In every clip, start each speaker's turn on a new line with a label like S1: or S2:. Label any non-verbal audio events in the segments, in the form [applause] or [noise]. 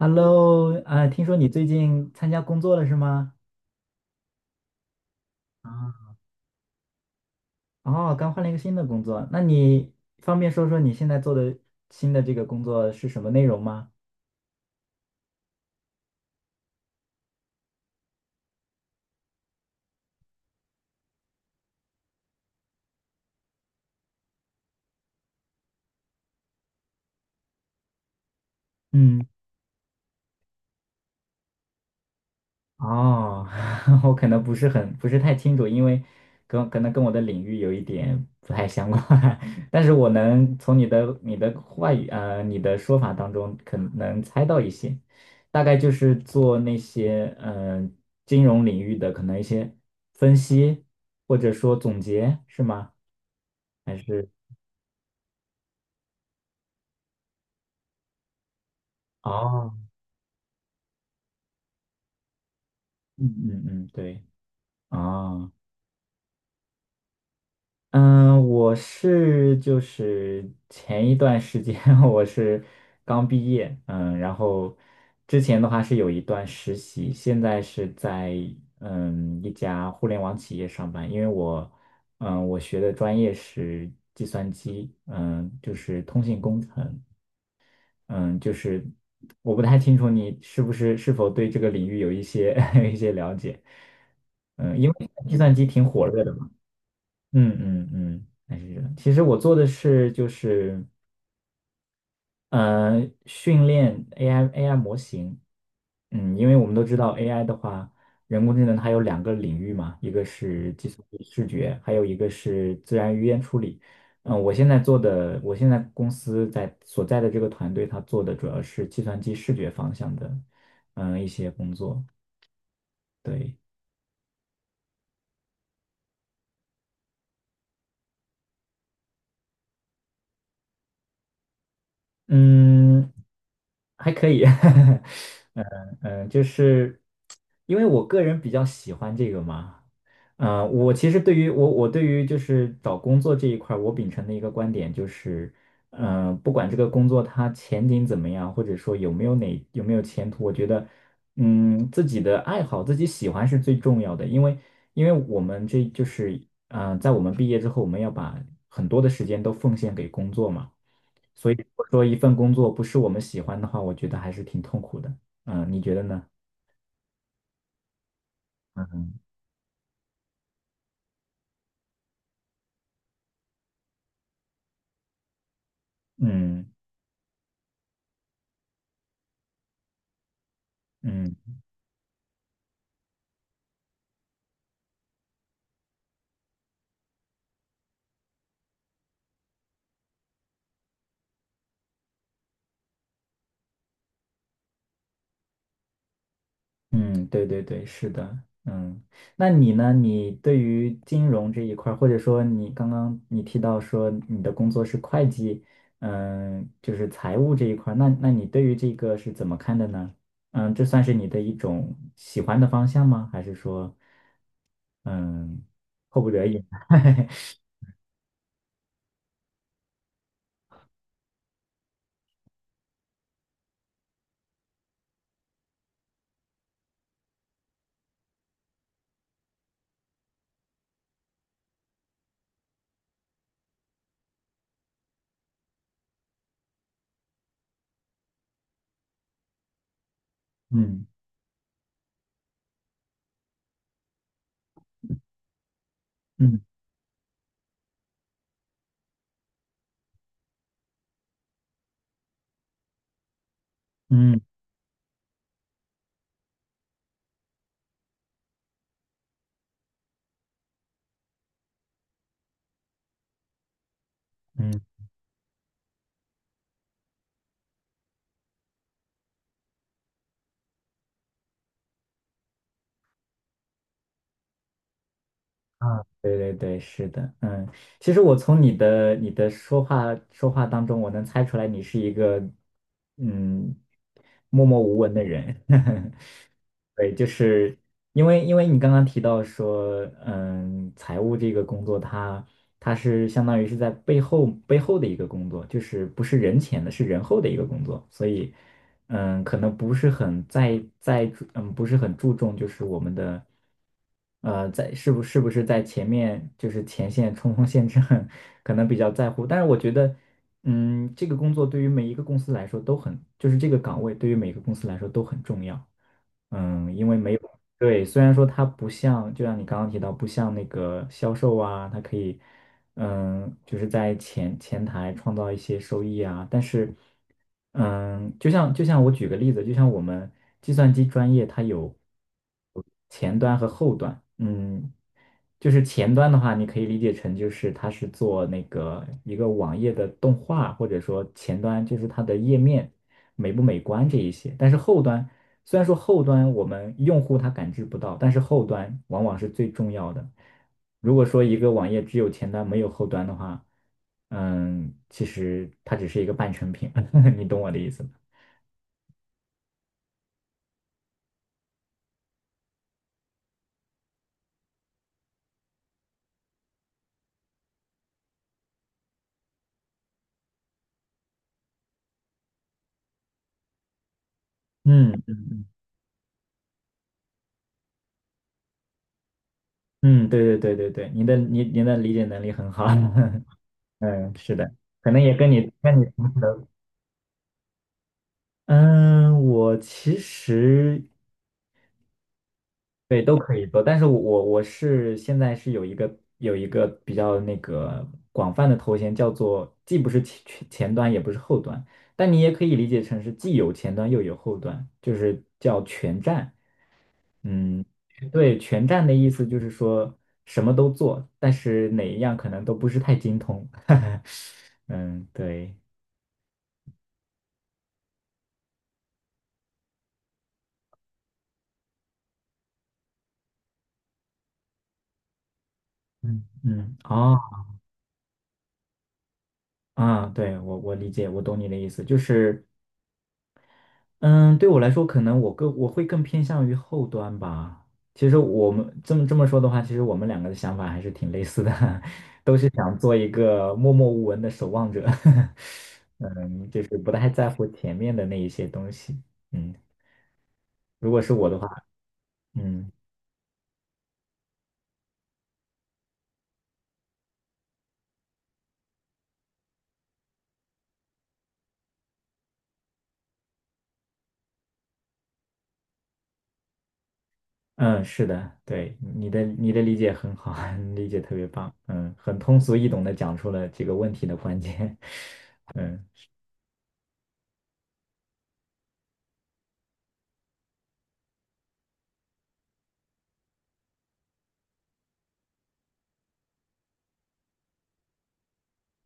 S1: Hello，听说你最近参加工作了是吗？啊，哦，刚换了一个新的工作，那你方便说说你现在做的新的这个工作是什么内容吗？嗯。哦，[laughs] 我可能不是太清楚，因为可能跟我的领域有一点不太相关，[laughs] 但是我能从你的话语你的说法当中可能猜到一些，大概就是做那些金融领域的可能一些分析或者说总结是吗？还是哦，嗯嗯嗯，对，哦。嗯，我是就是前一段时间 [laughs] 我是刚毕业，嗯，然后之前的话是有一段实习，现在是在嗯一家互联网企业上班，因为我嗯我学的专业是计算机，嗯，就是通信工程，嗯，就是我不太清楚你是不是是否对这个领域有一些 [laughs] 有一些了解，嗯，因为计算机挺火热的嘛。嗯嗯嗯，还是这样。其实我做的是就是呃训练 AI 模型，嗯，因为我们都知道 AI 的话，人工智能它有两个领域嘛，一个是计算机视觉，还有一个是自然语言处理。嗯，我现在做的，我现在公司所在的这个团队，它做的主要是计算机视觉方向的，嗯，一些工作。对，嗯，还可以，[laughs] 嗯嗯，就是因为我个人比较喜欢这个嘛，我其实对于我我对于就是找工作这一块儿，我秉承的一个观点就是，不管这个工作它前景怎么样，或者说有没有前途，我觉得，嗯，自己的爱好自己喜欢是最重要的，因为因为我们这就是，在我们毕业之后，我们要把很多的时间都奉献给工作嘛。所以如果说一份工作不是我们喜欢的话，我觉得还是挺痛苦的。嗯，你觉得呢？嗯嗯嗯嗯，对对对，是的。嗯，那你呢？你对于金融这一块儿，或者说你刚刚你提到说你的工作是会计，嗯，就是财务这一块儿，那你对于这个是怎么看的呢？嗯，这算是你的一种喜欢的方向吗？还是说，嗯，迫不得已？[laughs] 嗯嗯嗯嗯。啊，对对对，是的，嗯，其实我从你的你的说话当中，我能猜出来你是一个嗯默默无闻的人，[laughs] 对，就是因为因为你刚刚提到说，嗯，财务这个工作它，它是相当于是在背后的一个工作，就是不是人前的，是人后的一个工作，所以。嗯，可能不是很在在注嗯，不是很注重，就是我们的，呃，在是不是在前面就是前线冲锋陷阵，[laughs] 可能比较在乎。但是我觉得，嗯，这个工作对于每一个公司来说都很，就是这个岗位对于每个公司来说都很重要。嗯，因为没有，对，虽然说它不像，就像你刚刚提到，不像那个销售啊，它可以。嗯，就是在前台创造一些收益啊。但是，嗯，就像我举个例子，就像我们计算机专业，它有前端和后端。嗯，就是前端的话，你可以理解成就是它是做那个一个网页的动画，或者说前端就是它的页面美不美观这一些。但是后端虽然说后端我们用户他感知不到，但是后端往往是最重要的。如果说一个网页只有前端没有后端的话，嗯，其实它只是一个半成品，[laughs] 你懂我的意思吗？嗯嗯，对对对对对，你的理解能力很好，[laughs] 嗯，是的，可能也跟你同事的，嗯，我其实对，都可以做，但是我是现在是有一个有一个比较那个广泛的头衔，叫做既不是前端，也不是后端，但你也可以理解成是既有前端又有后端，就是叫全站。嗯，对，全站的意思就是说什么都做，但是哪一样可能都不是太精通。[laughs] 嗯，对。嗯嗯，哦，啊，对，我理解，我懂你的意思，就是，嗯，对我来说，可能我会更偏向于后端吧。其实我们这么说的话，其实我们两个的想法还是挺类似的，[laughs] 都是想做一个默默无闻的守望者。[laughs] 嗯，就是不太在乎前面的那一些东西。嗯，如果是我的话，嗯嗯，是的，对，你的理解很好，[laughs] 你理解特别棒。嗯，很通俗易懂的讲出了这个问题的关键。[laughs] 嗯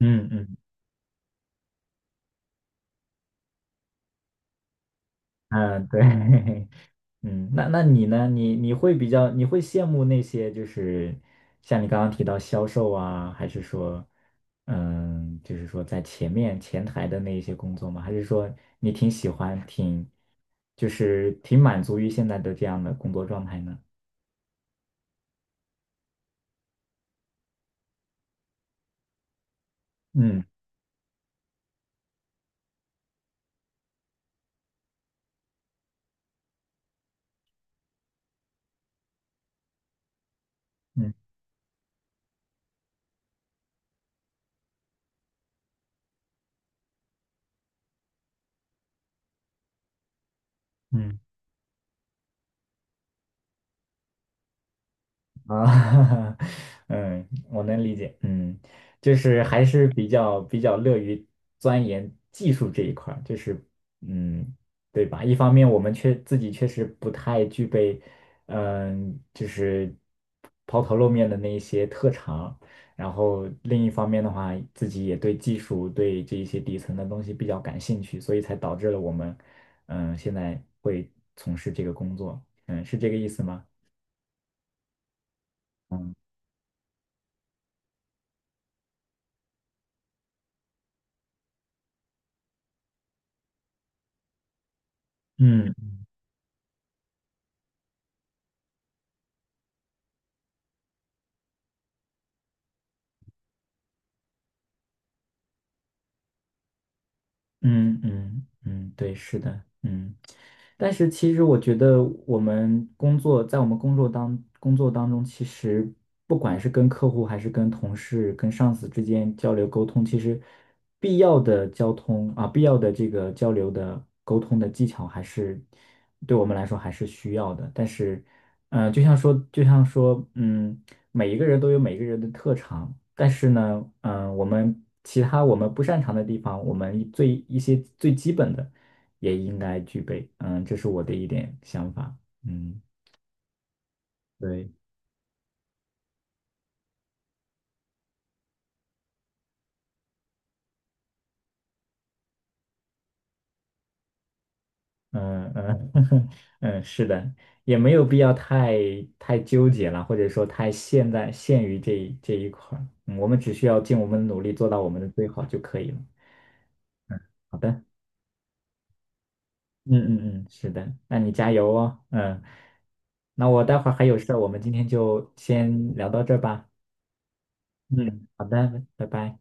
S1: 嗯嗯嗯，对。[laughs] 嗯，那你呢？你你会比较，你会羡慕那些就是像你刚刚提到销售啊，还是说，嗯，就是说在前面前台的那一些工作吗？还是说你挺喜欢，挺就是挺满足于现在的这样的工作状态呢？嗯嗯嗯。啊，[laughs] 嗯，我能理解，嗯，就是还是比较乐于钻研技术这一块儿，就是嗯，对吧？一方面我们自己确实不太具备，嗯，就是抛头露面的那一些特长，然后另一方面的话，自己也对技术对这一些底层的东西比较感兴趣，所以才导致了我们嗯现在会从事这个工作，嗯，是这个意思吗？嗯。嗯嗯嗯嗯，对，是的，嗯，但是其实我觉得我们工作，在我们工作当中，其实不管是跟客户还是跟同事、跟上司之间交流沟通，其实必要的交通啊，必要的这个交流的沟通的技巧，还是对我们来说还是需要的。但是，呃，就像说，嗯。每一个人都有每个人的特长，但是呢，我们我们不擅长的地方，我们最一些最基本的也应该具备。嗯，这是我的一点想法。嗯，对，嗯嗯 [laughs] 嗯，是的，也没有必要太纠结了，或者说太现在限于这一块儿。嗯我们只需要尽我们的努力做到我们的最好就可以了。好的。嗯嗯嗯，是的，那你加油哦。嗯，那我待会儿还有事儿，我们今天就先聊到这儿吧。嗯，好的，拜拜。